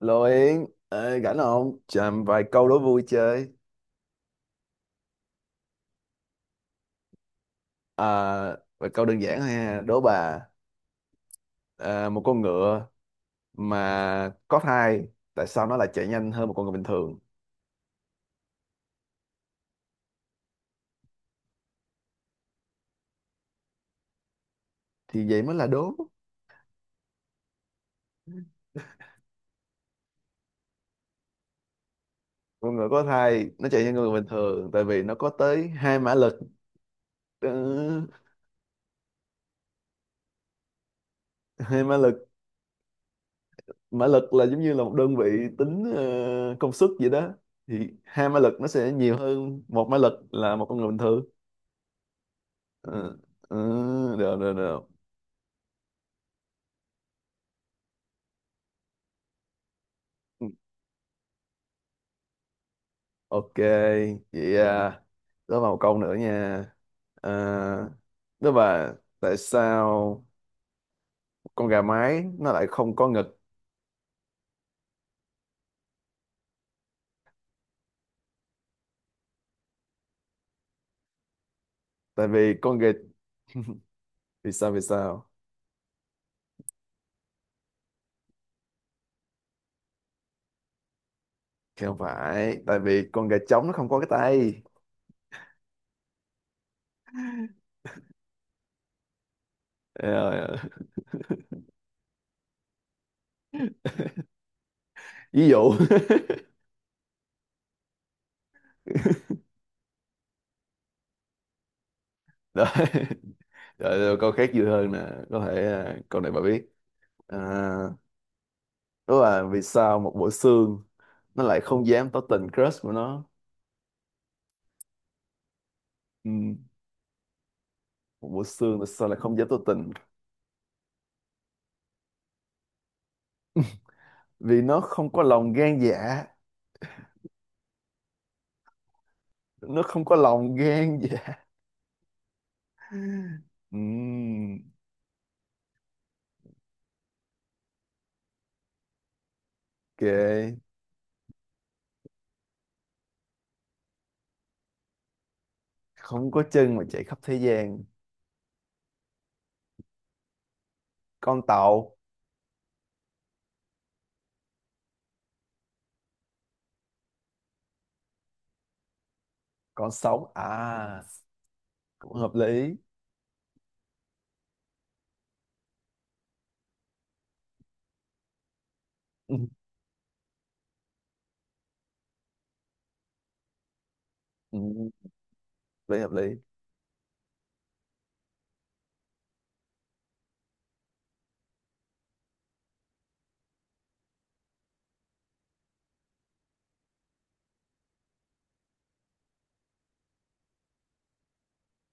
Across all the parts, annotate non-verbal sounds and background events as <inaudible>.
Lô Yến, ê, rảnh không? Chờ vài câu đố vui chơi. À, vài câu đơn giản thôi ha. Đố bà, một con ngựa mà có thai, tại sao nó lại chạy nhanh hơn một con ngựa bình thường? Thì vậy mới là đố. Con ngựa có thai, nó chạy nhanh hơn người bình thường, tại vì nó có tới 2 mã lực. Ừ, 2 mã lực, mã lực là giống như là một đơn vị tính công suất vậy đó. Thì 2 mã lực nó sẽ nhiều hơn 1 mã lực là một con người bình thường. Ừ, ừ, được, được, được. Ok, vậy đó vào một câu nữa nha. À, đó là tại sao con gà mái nó lại không có ngực? Tại vì con gà, vì sao, vì sao? Thì không phải, tại vì con gà trống nó không có cái tay. Rồi, ví dụ. <laughs> Rồi, rồi, rồi câu khác vui hơn nè, có thể câu này bà biết. À, đó là vì sao một bộ xương nó lại không dám tỏ tình crush của nó? Ừ, một bộ xương tại sao lại không dám tỏ tình, vì nó không có lòng gan dạ, nó không có lòng gan dạ. Ừm, ok, không có chân mà chạy khắp thế gian. Con tàu. Con sóng à, cũng hợp lý. Ừm, ừm, lý hợp lý.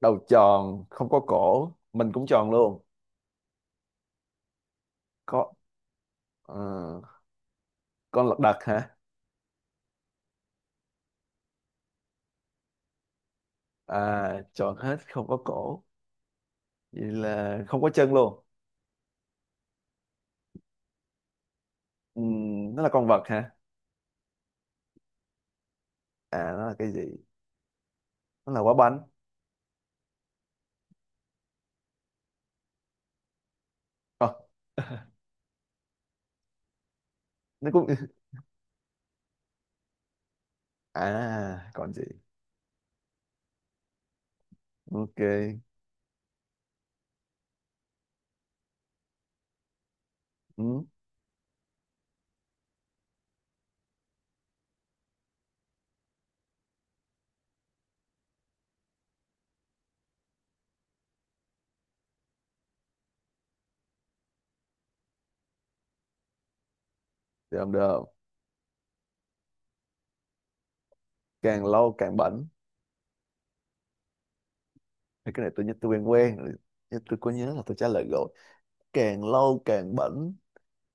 Đầu tròn không có cổ, mình cũng tròn luôn, có ờ, con lật đật hả? À, tròn hết không có cổ, vậy là không có chân luôn. Nó là con vật hả? À, nó là cái gì? Nó là quả bánh. Ờ, <laughs> nó cũng, còn gì? Ok. Ừ. Được, được, càng lâu càng bẩn. Thì cái này tôi nhớ, tôi quen quen rồi. Nhưng tôi có nhớ là tôi trả lời rồi, càng lâu càng bẩn,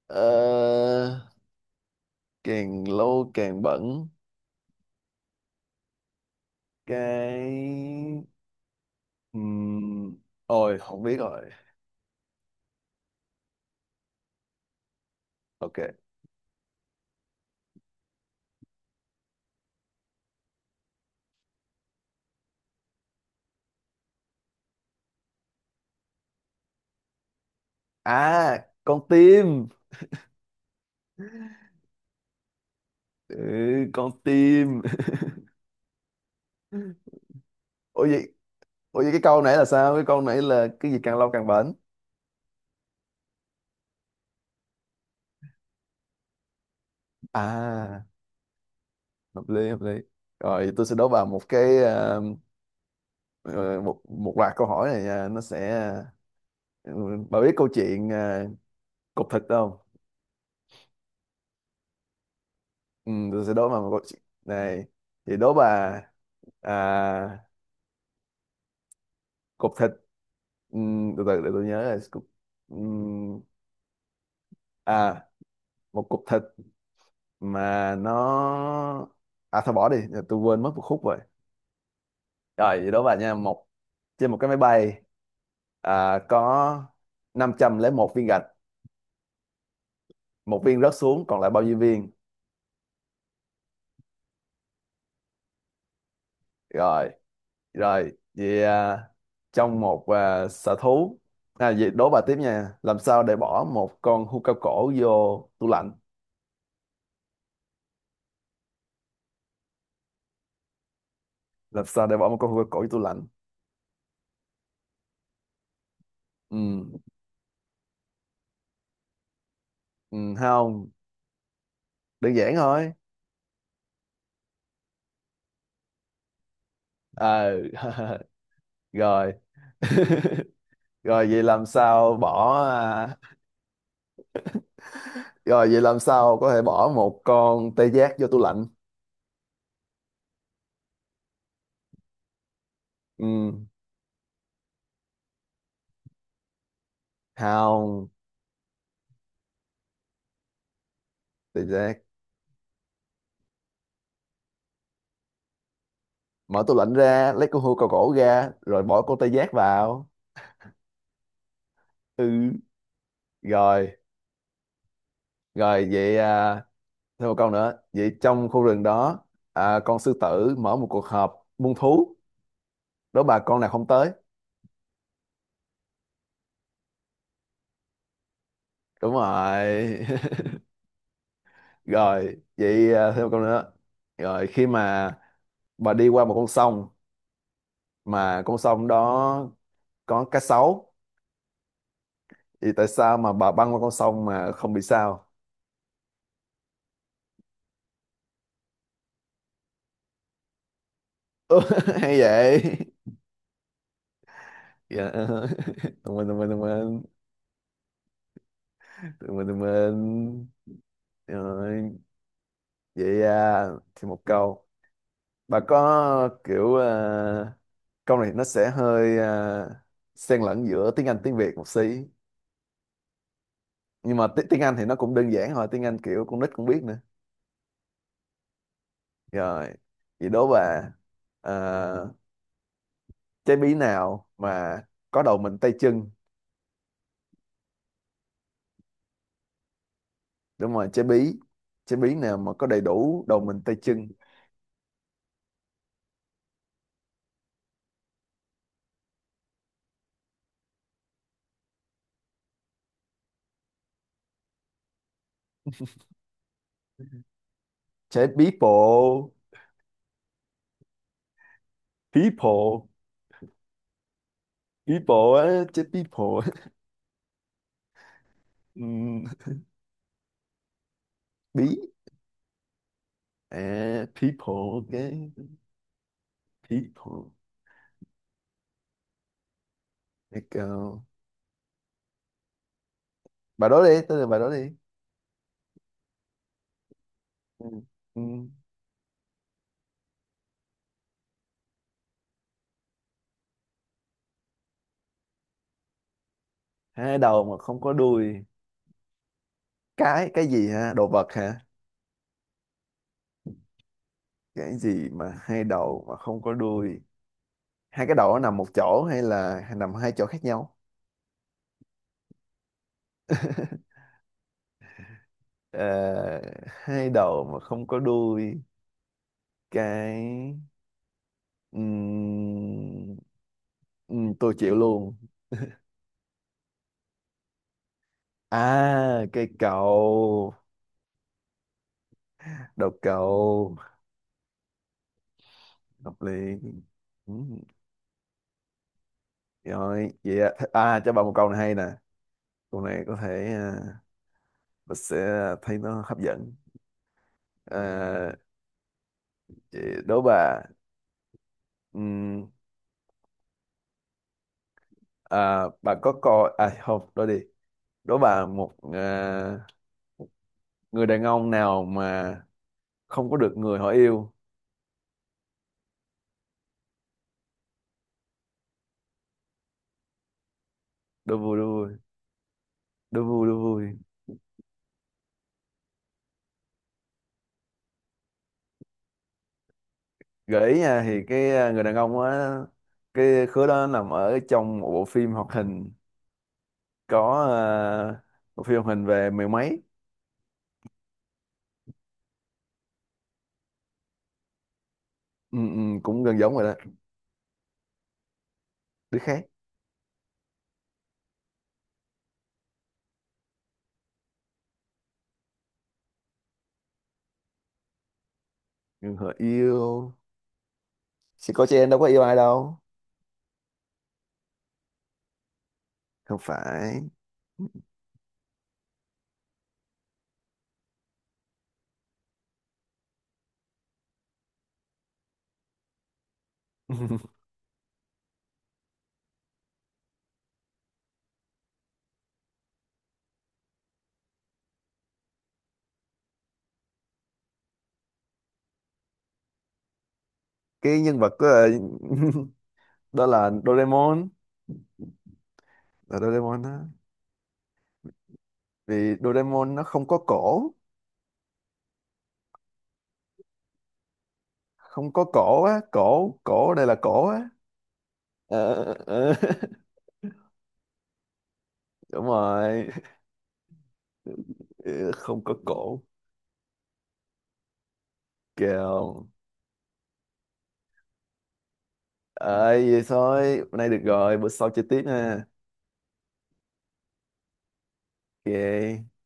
ờ, càng lâu càng bẩn, cái Ừm, ôi không biết rồi. Ok. À, con tim. Ừ, con tim. <laughs> Ủa vậy, cái câu nãy là sao, cái câu nãy là cái gì càng lâu càng bẩn? À, hợp lý, hợp lý. Rồi, tôi sẽ đố bà một cái, ờ, một một loạt câu hỏi này, nó sẽ, ừ, bà biết câu chuyện, cục thịt không? Ừ, tôi sẽ đố bà một câu chuyện này. Thì đố bà, à, cục thịt, ừ, từ từ để tôi nhớ là cục, ừ, à một cục thịt mà nó, thôi bỏ đi, tôi quên mất một khúc rồi. Rồi thì đố bà nha, trên một cái máy bay có 501 viên gạch, một viên rớt xuống còn lại bao nhiêu viên? Rồi. Rồi, vậy trong một, sở thú, à vậy đố bà tiếp nha. Làm sao để bỏ một con hươu cao cổ vô tủ lạnh? Làm sao để bỏ một con hươu cao cổ vô tủ lạnh? Ừ, ừ không, đơn giản thôi. Ờ, <laughs> rồi. <laughs> Rồi vậy làm sao bỏ, à, rồi vậy làm sao có thể bỏ một con tê giác vô tủ lạnh? Ừ, không, tê giác. Mở tủ lạnh ra, lấy con hươu cao cổ ra rồi bỏ con tê giác vào. Ừ, rồi. Rồi vậy thêm một câu nữa. Vậy trong khu rừng đó, con sư tử mở một cuộc họp muôn thú. Đố bà con nào không tới. Đúng rồi. <laughs> Rồi vậy thêm một câu nữa. Rồi khi mà bà đi qua một con sông mà con sông đó có cá sấu, thì tại sao mà bà băng qua con sông mà không bị sao? <laughs> Hay vậy? Dạ. Thông minh, thông minh, thông minh, thông minh, thông minh. Rồi vậy thêm một câu. Bà có kiểu câu này nó sẽ hơi xen lẫn giữa tiếng Anh tiếng Việt một xí, nhưng mà tiếng Anh thì nó cũng đơn giản thôi, tiếng Anh kiểu con nít cũng biết nữa. Rồi vậy đố bà, ờ, trái bí nào mà có đầu mình tay chân? Đúng rồi, trái bí, trái bí nào mà có đầy đủ đầu mình tay chân? Trái people. People, people á, trái people. <laughs> Ừm, bí à, people ok. People. Let go. Bà đố đi, tôi là bà đố đi. Ừ. Ừ. Hai đầu mà không có đuôi, cái, gì ha, đồ vật hả? Cái gì mà hai đầu mà không có đuôi? Hai cái đầu nó nằm một chỗ hay là nằm hai chỗ khác nhau? <laughs> Ờ, hai đầu mà không có đuôi, cái Ừm, tôi chịu luôn. À, cây cầu. Đầu cầu. Hợp lý. Ừm, rồi vậy ạ. À, cho bà một câu này hay nè. Câu này có thể, và sẽ thấy nó hấp dẫn. à, chị đố bà, ừm, bà có coi không? Đố đi. Đố bà một, người đàn ông nào mà không có được người họ yêu? Đố vui, đố vui, đố vui, đố vui. Gợi ý nha, thì cái, người đàn ông á, cái khứa đó nằm ở trong một bộ phim hoạt hình. Có, à, bộ phim hoạt hình về mười mấy. Ừ, ừ, cũng gần giống rồi đó. Đứa khác. Người họ yêu, chỉ có chị em đâu có yêu ai đâu. Không phải. <laughs> Cái nhân vật đó là, <laughs> đó là Doraemon. Là Doraemon á. Vì Doraemon nó không có cổ. Không có cổ á, cổ cổ đây là cổ á. Ờ, ờ, <laughs> đúng rồi. Ừ, không có cổ. Kèo. Ơi vậy thôi, hôm nay được rồi, bữa sau chơi tiếp ha. Ok.